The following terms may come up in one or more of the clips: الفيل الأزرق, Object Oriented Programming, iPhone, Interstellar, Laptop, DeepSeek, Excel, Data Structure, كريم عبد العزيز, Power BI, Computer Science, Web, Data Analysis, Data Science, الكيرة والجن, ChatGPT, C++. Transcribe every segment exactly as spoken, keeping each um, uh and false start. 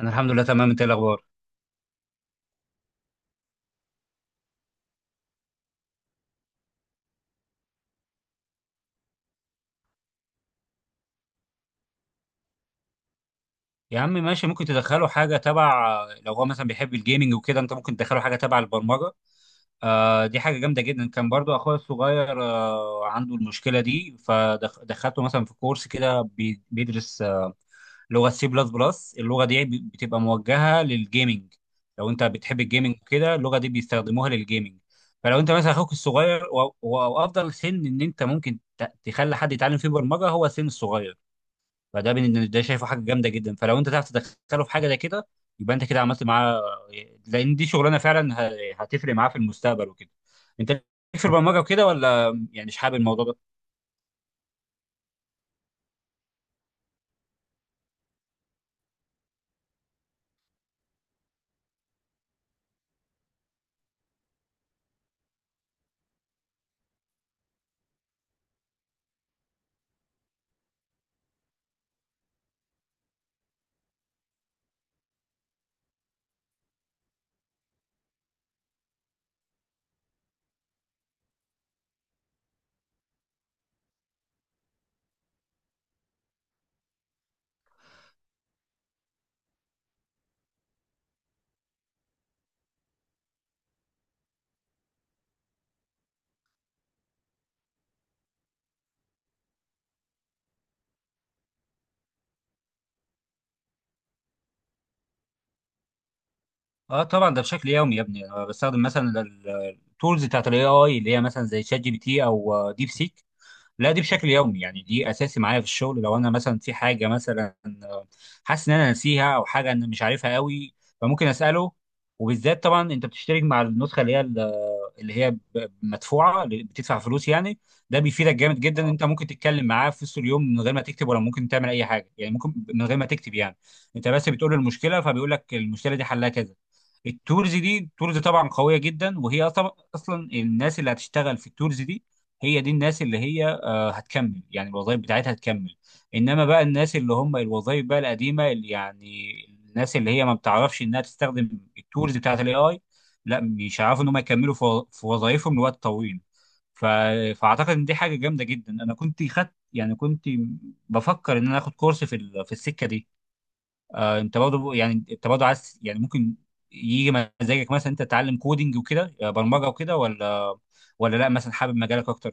انا الحمد لله تمام، انت إيه الاخبار؟ يا عم ماشي، ممكن تدخله حاجه تبع، لو هو مثلا بيحب الجيمنج وكده انت ممكن تدخله حاجه تبع البرمجه. آه دي حاجه جامده جدا. كان برضو اخويا الصغير آه عنده المشكله دي، فدخلته مثلا في كورس كده بي- بيدرس آه لغه سي بلس بلس. اللغه دي بي- بتبقى موجهه للجيمنج. لو انت بتحب الجيمنج كده اللغه دي بيستخدموها للجيمنج. فلو انت مثلا اخوك الصغير و- و- وافضل سن ان انت ممكن ت- تخلي حد يتعلم فيه برمجه هو السن الصغير. فده بن- ده شايفه حاجه جامده جدا. فلو انت تعرف تدخله في حاجه زي كده يبقى انت كده عملت معاه. لان دي شغلانه فعلا ه- هتفرق معاه في المستقبل وكده. انت ليك في البرمجه وكده، ولا يعني مش حابب الموضوع ده؟ اه طبعا، ده بشكل يومي يا ابني. انا بستخدم مثلا التولز بتاعت الاي اي، اللي هي مثلا زي شات جي بي تي او ديب سيك. لا دي بشكل يومي، يعني دي اساسي معايا في الشغل. لو انا مثلا في حاجه مثلا آه، حاسس ان انا ناسيها او حاجه انا مش عارفها قوي فممكن اساله. وبالذات طبعا انت بتشترك مع النسخه اللي هي اللي هي ب- مدفوعه، اللي بتدفع فلوس يعني. ده بيفيدك جامد جدا ان انت ممكن تتكلم معاه في وسط اليوم من غير ما تكتب، ولا ممكن تعمل اي حاجه، يعني ممكن من غير ما تكتب يعني. انت بس بتقول له المشكله فبيقول لك المشكله دي حلها كذا. التولز دي التولز طبعا قويه جدا. وهي اصلا اصلا الناس اللي هتشتغل في التولز دي هي دي الناس اللي هي هتكمل، يعني الوظائف بتاعتها هتكمل. انما بقى الناس اللي هم الوظائف بقى القديمه، اللي يعني الناس اللي هي ما بتعرفش انها تستخدم التولز بتاعت الاي اي، لا مش هيعرفوا ان هم يكملوا في وظ- في وظائفهم لوقت طويل. ف... فاعتقد ان دي حاجه جامده جدا. انا كنت خدت، يعني كنت بفكر ان انا اخد كورس في ال... في السكه دي. آه انت برضه، يعني انت برضه عايز، يعني ممكن يجي مزاجك مثلا انت تتعلم كودينج وكده، آه، برمجه وكده، ولا ولا لا، مثلا حابب مجالك اكتر؟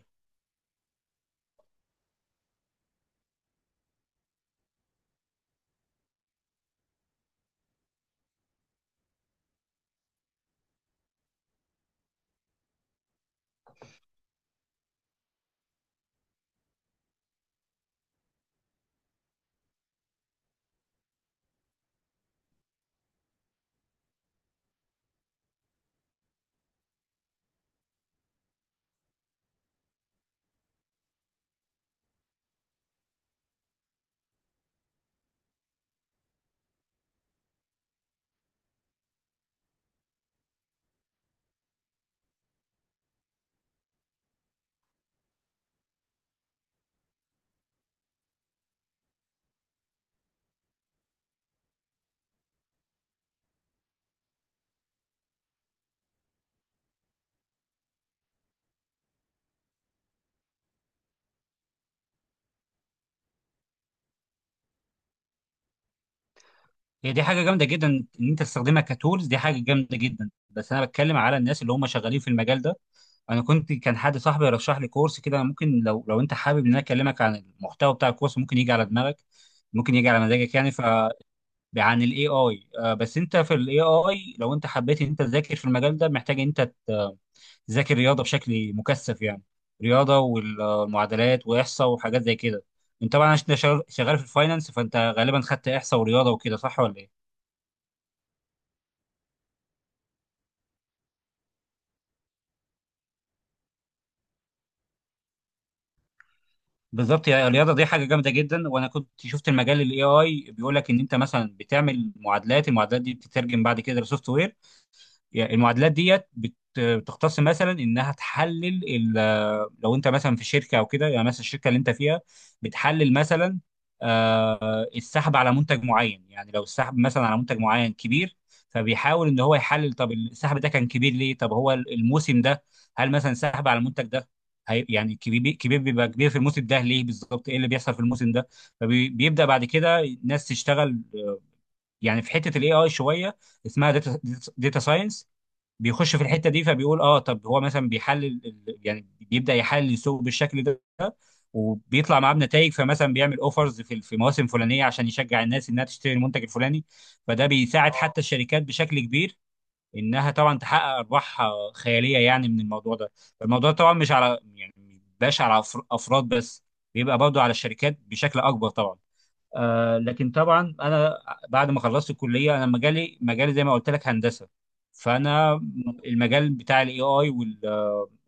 هي دي حاجه جامده جدا ان انت تستخدمها كتولز. دي حاجه جامده جدا، بس انا بتكلم على الناس اللي هم شغالين في المجال ده. انا كنت، كان حد صاحبي رشح لي كورس كده، ممكن لو لو انت حابب ان انا اكلمك عن المحتوى بتاع الكورس، ممكن يجي على دماغك، ممكن يجي على مزاجك يعني ف عن الاي اي. بس انت في الاي اي، لو انت حبيت ان انت تذاكر في المجال ده، محتاج ان انت تذاكر رياضه بشكل مكثف يعني. رياضه والمعادلات واحصاء وحاجات زي كده. انت طبعا عشان شغال شغال في الفاينانس فانت غالبا خدت احصاء ورياضه وكده، صح ولا ايه؟ بالظبط، يعني الرياضه دي حاجه جامده جدا. وانا كنت شفت المجال الاي اي بيقول لك ان انت مثلا بتعمل معادلات المعادلات دي بتترجم بعد كده لسوفت وير. يعني المعادلات ديت بت- بتختص مثلا انها تحلل ال- لو انت مثلا في شركه او كده، يعني مثلا الشركه اللي انت فيها بتحلل مثلا آه، السحب على منتج معين. يعني لو السحب مثلا على منتج معين كبير، فبيحاول ان هو يحلل طب السحب ده كان كبير ليه، طب هو الموسم ده، هل مثلا السحب على المنتج ده هي- يعني كبير، كبير بيبقى كبير في الموسم ده ليه، بالظبط ايه اللي بيحصل في الموسم ده. فبيبدا بعد كده الناس تشتغل، آه، يعني في حته الاي اي شويه اسمها داتا ساينس، بيخش في الحته دي فبيقول اه طب هو مثلا بيحلل ال- يعني بيبدا يحلل السوق بالشكل ده. وبيطلع معاه بنتائج، فمثلا بيعمل اوفرز في في مواسم فلانيه عشان يشجع الناس انها تشتري المنتج الفلاني. فده بيساعد حتى الشركات بشكل كبير، انها طبعا تحقق ارباح آه، خياليه يعني من الموضوع ده. فالموضوع طبعا مش على يعني مش على أفر- افراد بس، بيبقى برضه على الشركات بشكل اكبر طبعا. آه لكن طبعا انا بعد ما خلصت الكليه، انا مجالي مجالي زي ما قلت لك هندسه. فانا المجال بتاع الاي اي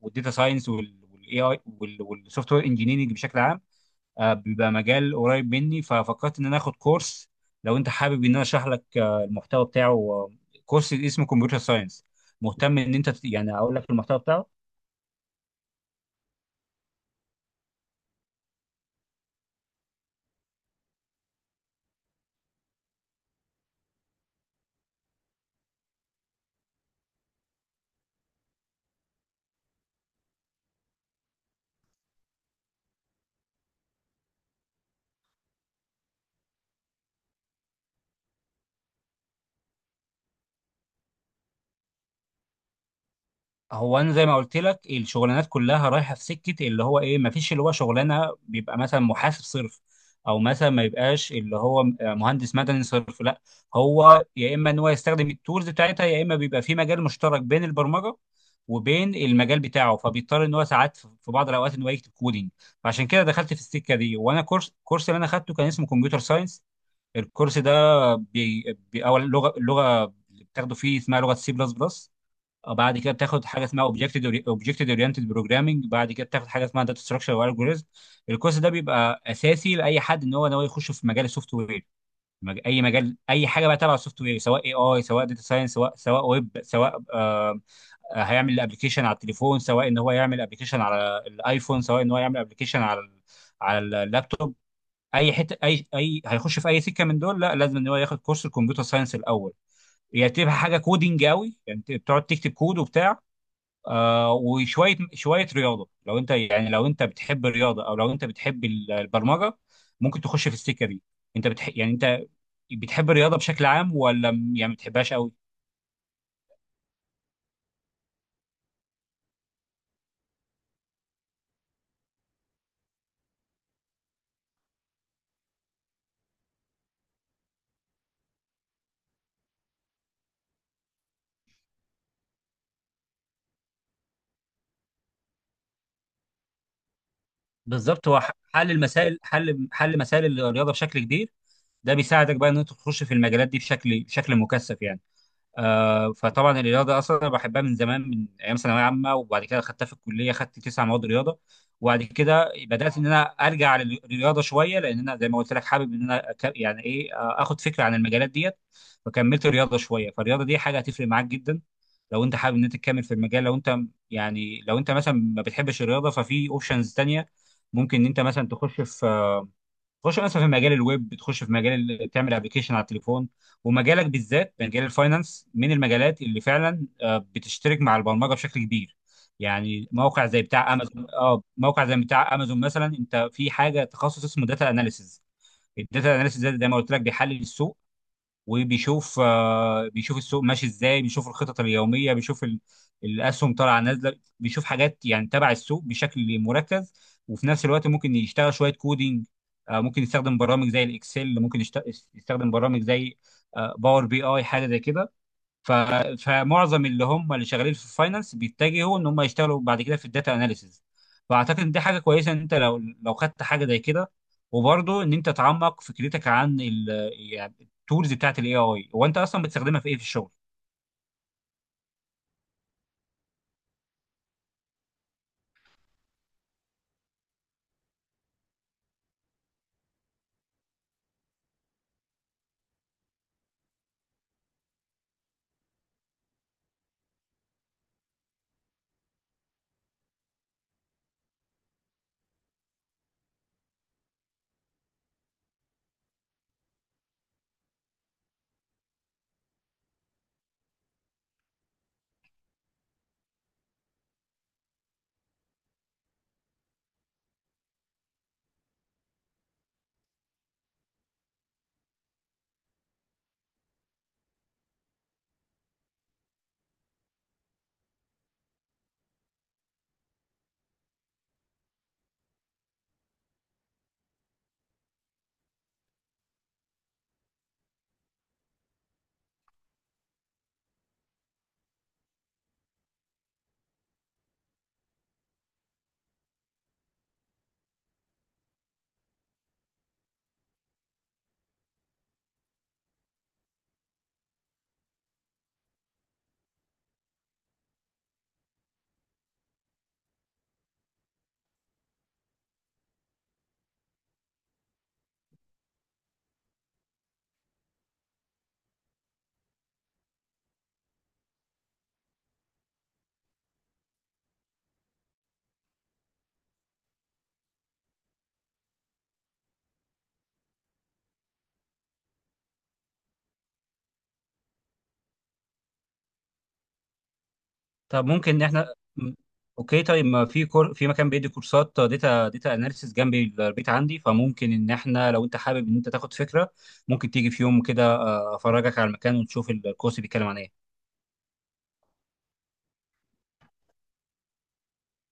والداتا ساينس والاي اي والسوفت وير انجينيرنج بشكل عام، آه بيبقى مجال قريب مني. ففكرت ان انا اخد كورس. لو انت حابب ان انا اشرح لك آه المحتوى بتاعه، آه، كورس اسمه كمبيوتر ساينس، مهتم ان انت ت- يعني اقول لك المحتوى بتاعه؟ هو انا زي ما قلت لك الشغلانات كلها رايحه في سكه اللي هو ايه، ما فيش اللي هو شغلانه بيبقى مثلا محاسب صرف، او مثلا ما يبقاش اللي هو مهندس مدني صرف، لا، هو يا اما ان هو يستخدم التولز بتاعتها، يا اما بيبقى في مجال مشترك بين البرمجه وبين المجال بتاعه، فبيضطر ان هو ساعات في بعض الاوقات ان هو يكتب كودينج. فعشان كده دخلت في السكه دي. وانا كورس الكورس اللي انا خدته كان اسمه كمبيوتر ساينس. الكورس ده بي... بي... اول لغه اللغه اللي بتاخده فيه اسمها لغه سي بلس بلس. آه، بعد كده بتاخد حاجه اسمها اوبجكت اوبجكت اورينتد بروجرامنج. بعد كده بتاخد حاجه اسمها داتا ستراكشر والجوريزم. الكورس ده بيبقى اساسي لاي حد ان هو ناوي يخش في مجال السوفت وير. مج- اي مجال، اي حاجه بقى تبع السوفت وير، سواء اي اي، سواء داتا ساينس، سواء سواء ويب، سواء آه هيعمل ابلكيشن على التليفون، سواء ان هو يعمل ابلكيشن على الايفون، سواء ان هو يعمل ابلكيشن على ال- على اللابتوب. اي حته اي اي هيخش في اي سكه من دول، لا لازم ان هو ياخد كورس الكمبيوتر ساينس الاول. يعني تبقى حاجه كودينج قوي، يعني بتقعد تكتب كود وبتاع، آه وشويه شويه رياضه. لو انت، يعني لو انت بتحب الرياضه، او لو انت بتحب ال- البرمجه ممكن تخش في السكه دي. انت بتح... يعني انت بتحب الرياضه بشكل عام، ولا م- يعني ما بتحبهاش قوي؟ بالظبط هو ح- حل المسائل، حل حل مسائل الرياضه بشكل كبير ده بيساعدك بقى ان انت تخش في المجالات دي بشكل بشكل مكثف يعني. آه، فطبعا الرياضه اصلا انا بحبها من زمان، من ايام ثانويه عامه، وبعد كده خدتها في الكليه، خدت تسع مواد رياضه. وبعد كده بدات ان انا ارجع لل- للرياضه شويه، لان انا زي ما قلت لك حابب ان انا أك- يعني ايه آه، اخد فكره عن المجالات ديت. فكملت الرياضه شويه. فالرياضه دي حاجه هتفرق معاك جدا لو انت حابب ان انت تكمل في المجال. لو انت، يعني لو انت مثلا ما بتحبش الرياضه، ففي اوبشنز تانيه. ممكن ان انت مثلا تخش في تخش مثلا في مجال الويب، تخش في مجال ال- تعمل ابلكيشن على التليفون. ومجالك بالذات مجال الفاينانس من المجالات اللي فعلا آه، بتشترك مع البرمجه بشكل كبير. يعني موقع زي بتاع امازون، اه موقع زي بتاع امازون مثلا انت في حاجه تخصص اسمه داتا اناليسز. الداتا اناليسز ده زي ما قلت لك بيحلل السوق، وبيشوف آه، بيشوف السوق ماشي ازاي، بيشوف الخطط اليوميه، بيشوف ال- الاسهم طالعه نازله، بيشوف حاجات يعني تبع السوق بشكل مركز. وفي نفس الوقت ممكن يشتغل شويه كودينج. آه، ممكن يستخدم برامج زي الاكسل، ممكن يشت- يستخدم برامج زي باور بي اي، حاجه زي كده. ف... فمعظم اللي هم اللي شغالين في الفاينانس بيتجهوا ان هم يشتغلوا بعد كده في الداتا اناليسز. فاعتقد ان دي حاجه كويسه، ان انت لو لو خدت حاجه زي كده. وبرضه ان انت تعمق فكرتك عن ال... يعني التولز بتاعت الاي اي، هو انت اصلا بتستخدمها في ايه في الشغل؟ طب ممكن إن احنا م- اوكي طيب، ما في كور... في مكان بيدي كورسات داتا داتا اناليسز جنب البيت عندي. فممكن ان احنا لو انت حابب ان انت تاخد فكره ممكن تيجي في يوم كده، آه، افرجك على المكان ونشوف الكورس بيتكلم عن ايه.